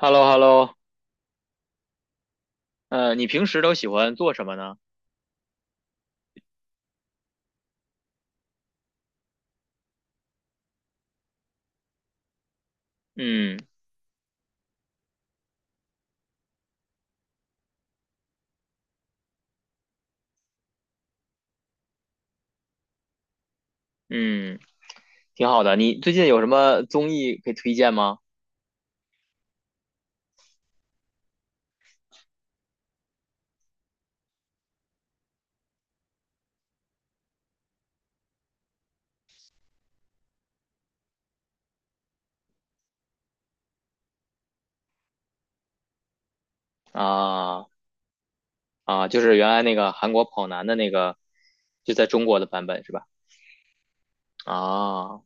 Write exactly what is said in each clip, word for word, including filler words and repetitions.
h e l l o h e l l o 呃，你平时都喜欢做什么呢？嗯嗯，挺好的。你最近有什么综艺可以推荐吗？啊啊，就是原来那个韩国跑男的那个，就在中国的版本是吧？啊，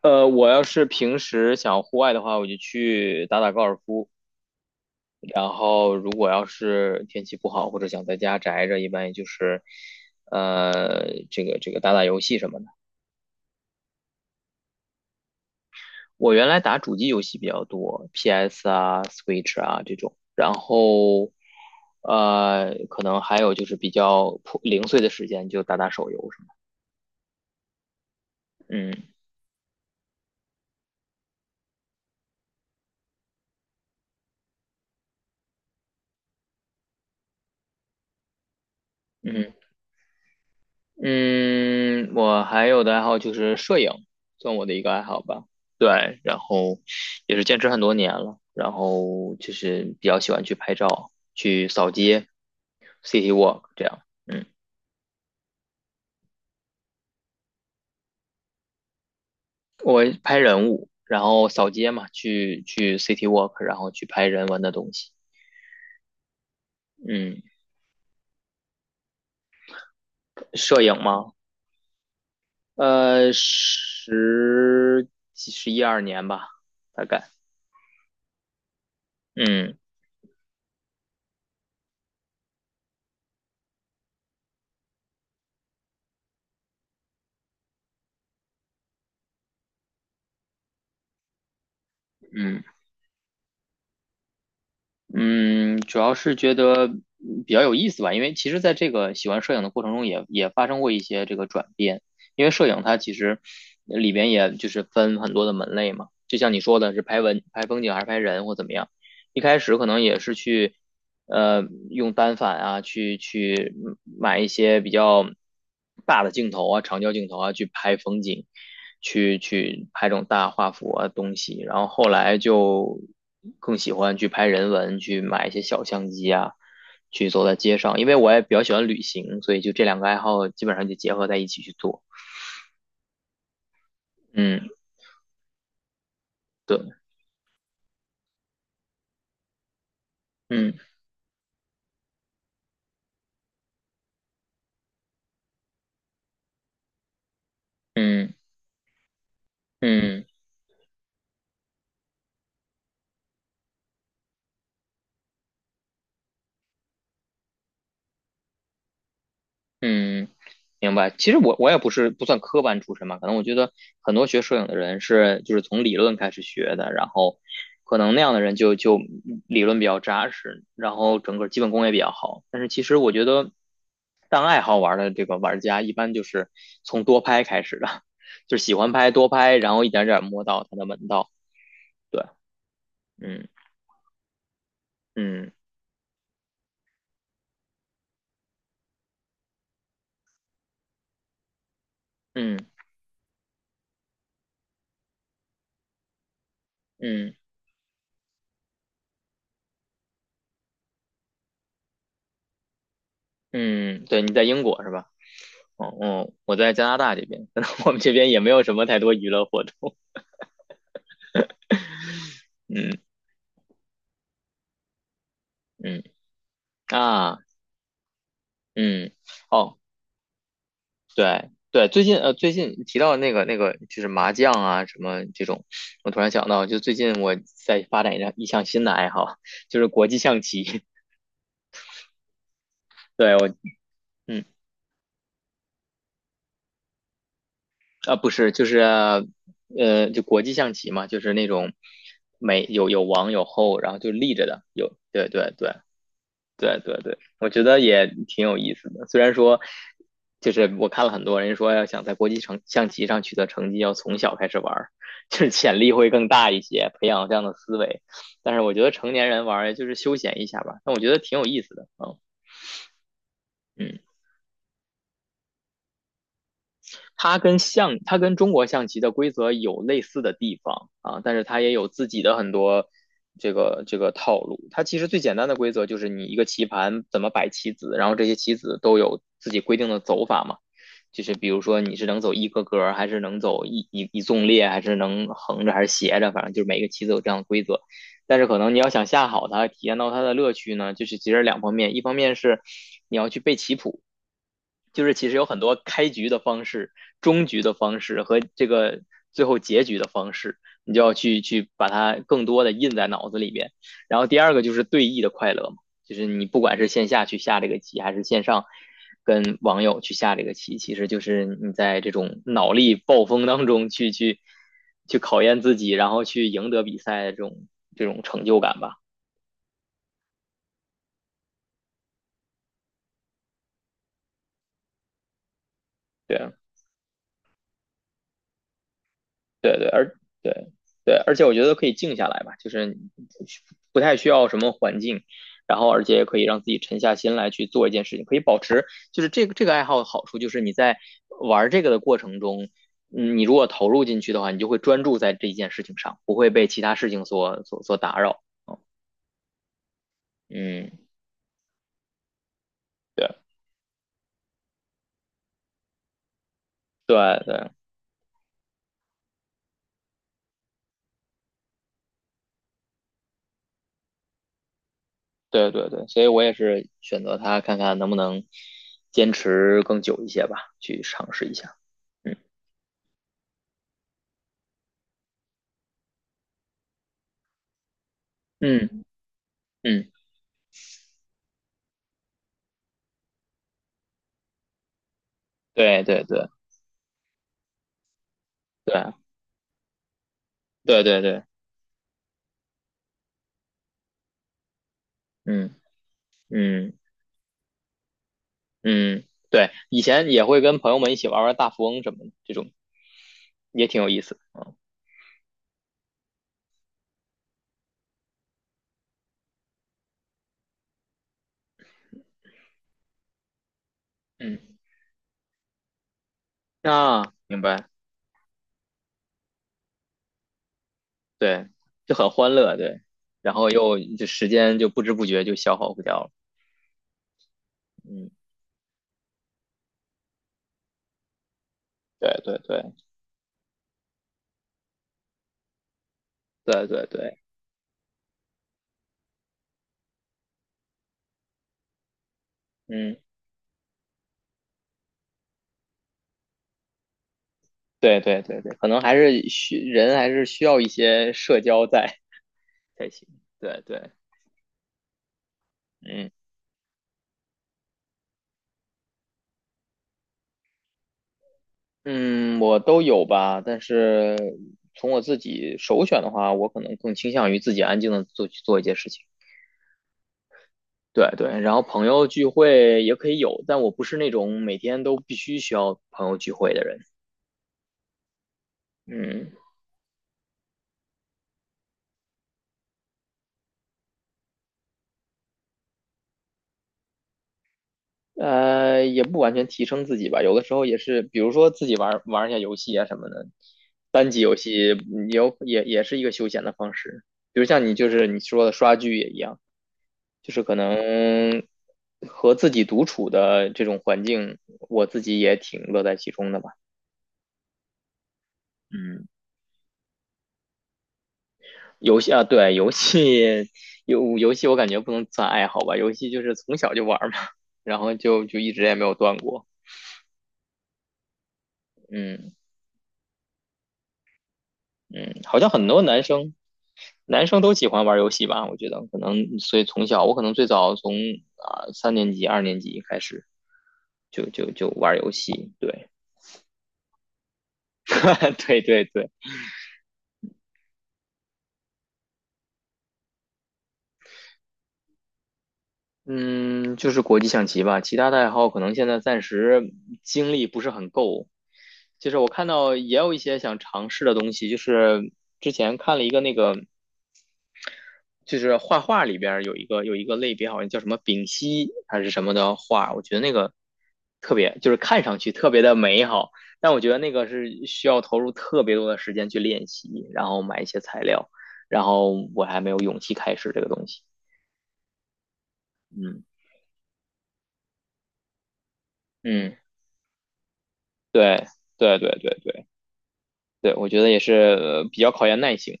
呃，我要是平时想户外的话，我就去打打高尔夫。然后如果要是天气不好或者想在家宅着，一般也就是，呃，这个这个打打游戏什么的。我原来打主机游戏比较多，P S 啊、Switch 啊这种，然后呃，可能还有就是比较破零碎的时间就打打手游什么的。嗯嗯嗯，我还有的爱好就是摄影，算我的一个爱好吧。对，然后也是坚持很多年了，然后就是比较喜欢去拍照、去扫街、City Walk 这样。嗯。我拍人物，然后扫街嘛，去去 city walk，然后去拍人文的东西。嗯，摄影吗？呃，十几十一二年吧，大概。嗯嗯嗯，主要是觉得嗯比较有意思吧，因为其实在这个喜欢摄影的过程中也，也发生过一些这个转变。因为摄影它其实里边也就是分很多的门类嘛，就像你说的是拍文、拍风景还是拍人或怎么样。一开始可能也是去，呃，用单反啊，去去买一些比较大的镜头啊，长焦镜头啊，去拍风景，去去拍这种大画幅啊东西。然后后来就更喜欢去拍人文，去买一些小相机啊，去走在街上。因为我也比较喜欢旅行，所以就这两个爱好基本上就结合在一起去做。嗯，对，嗯嗯嗯。嗯，明白。其实我我也不是不算科班出身嘛，可能我觉得很多学摄影的人是就是从理论开始学的，然后可能那样的人就就理论比较扎实，然后整个基本功也比较好。但是其实我觉得当爱好玩的这个玩家，一般就是从多拍开始的，就是喜欢拍多拍，然后一点点摸到它的门道。对，嗯嗯嗯嗯嗯，对，你在英国是吧？哦，哦，我在加拿大这边，我们这边也没有什么太多娱乐活动。嗯嗯啊嗯哦对对，最近呃最近提到那个那个就是麻将啊什么这种，我突然想到，就最近我在发展一项一项新的爱好，就是国际象棋。对我嗯啊不是就是呃就国际象棋嘛，就是那种每有有王有后，然后就立着的，有对对对对对对，我觉得也挺有意思的。虽然说，就是我看了很多人说，要想在国际成象棋上取得成绩，要从小开始玩儿，就是潜力会更大一些，培养这样的思维。但是我觉得成年人玩儿就是休闲一下吧，但我觉得挺有意思的。嗯嗯。它跟象，它跟中国象棋的规则有类似的地方啊，但是它也有自己的很多这个这个套路。它其实最简单的规则就是你一个棋盘怎么摆棋子，然后这些棋子都有自己规定的走法嘛。就是比如说你是能走一个格，还是能走一一一纵列，还是能横着还是斜着，反正就是每个棋子有这样的规则。但是可能你要想下好它，体验到它的乐趣呢，就是其实两方面，一方面是你要去背棋谱。就是其实有很多开局的方式、终局的方式和这个最后结局的方式，你就要去去把它更多的印在脑子里边。然后第二个就是对弈的快乐嘛，就是你不管是线下去下这个棋，还是线上跟网友去下这个棋，其实就是你在这种脑力暴风当中去去去考验自己，然后去赢得比赛的这种这种成就感吧。对啊，对对，而对对，而且我觉得可以静下来吧，就是你不太需要什么环境，然后而且也可以让自己沉下心来去做一件事情，可以保持就是这个这个爱好的好处就是你在玩这个的过程中，嗯，你如果投入进去的话，你就会专注在这一件事情上，不会被其他事情所所所打扰。嗯，对对对对对对，所以我也是选择它，看看能不能坚持更久一些吧，去尝试一下。嗯嗯嗯，对对对。对对对对，嗯嗯嗯，对，以前也会跟朋友们一起玩玩大富翁什么的，这种也挺有意思的。嗯，啊，明白，对，就很欢乐，对，然后又就时间就不知不觉就消耗不掉了。嗯，对对对对对对，嗯，对对对对，可能还是需人还是需要一些社交在才行。对对，嗯。嗯，我都有吧，但是从我自己首选的话，我可能更倾向于自己安静的做去做一件事情。对对，然后朋友聚会也可以有，但我不是那种每天都必须需要朋友聚会的人。嗯，呃，也不完全提升自己吧，有的时候也是，比如说自己玩玩一下游戏啊什么的，单机游戏也有也也是一个休闲的方式。比如像你就是你说的刷剧也一样。就是可能和自己独处的这种环境，我自己也挺乐在其中的吧。嗯，游戏啊，对，游戏游游戏我感觉不能算爱好吧，游戏就是从小就玩儿嘛，然后就就一直也没有断过。嗯嗯，好像很多男生男生都喜欢玩游戏吧，我觉得可能所以从小我可能最早从啊、三年级、二年级开始就就就玩游戏，对 对对对。嗯，就是国际象棋吧，其他的爱好可能现在暂时精力不是很够。就是我看到也有一些想尝试的东西，就是之前看了一个那个，就是画画里边儿有一个有一个类别，好像叫什么丙烯还是什么的画，我觉得那个特别，就是看上去特别的美好，但我觉得那个是需要投入特别多的时间去练习，然后买一些材料，然后我还没有勇气开始这个东西。嗯嗯，对对对对对。对，我觉得也是呃比较考验耐性。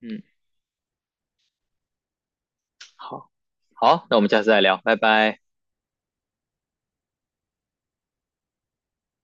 嗯，好，好，那我们下次再聊，拜拜。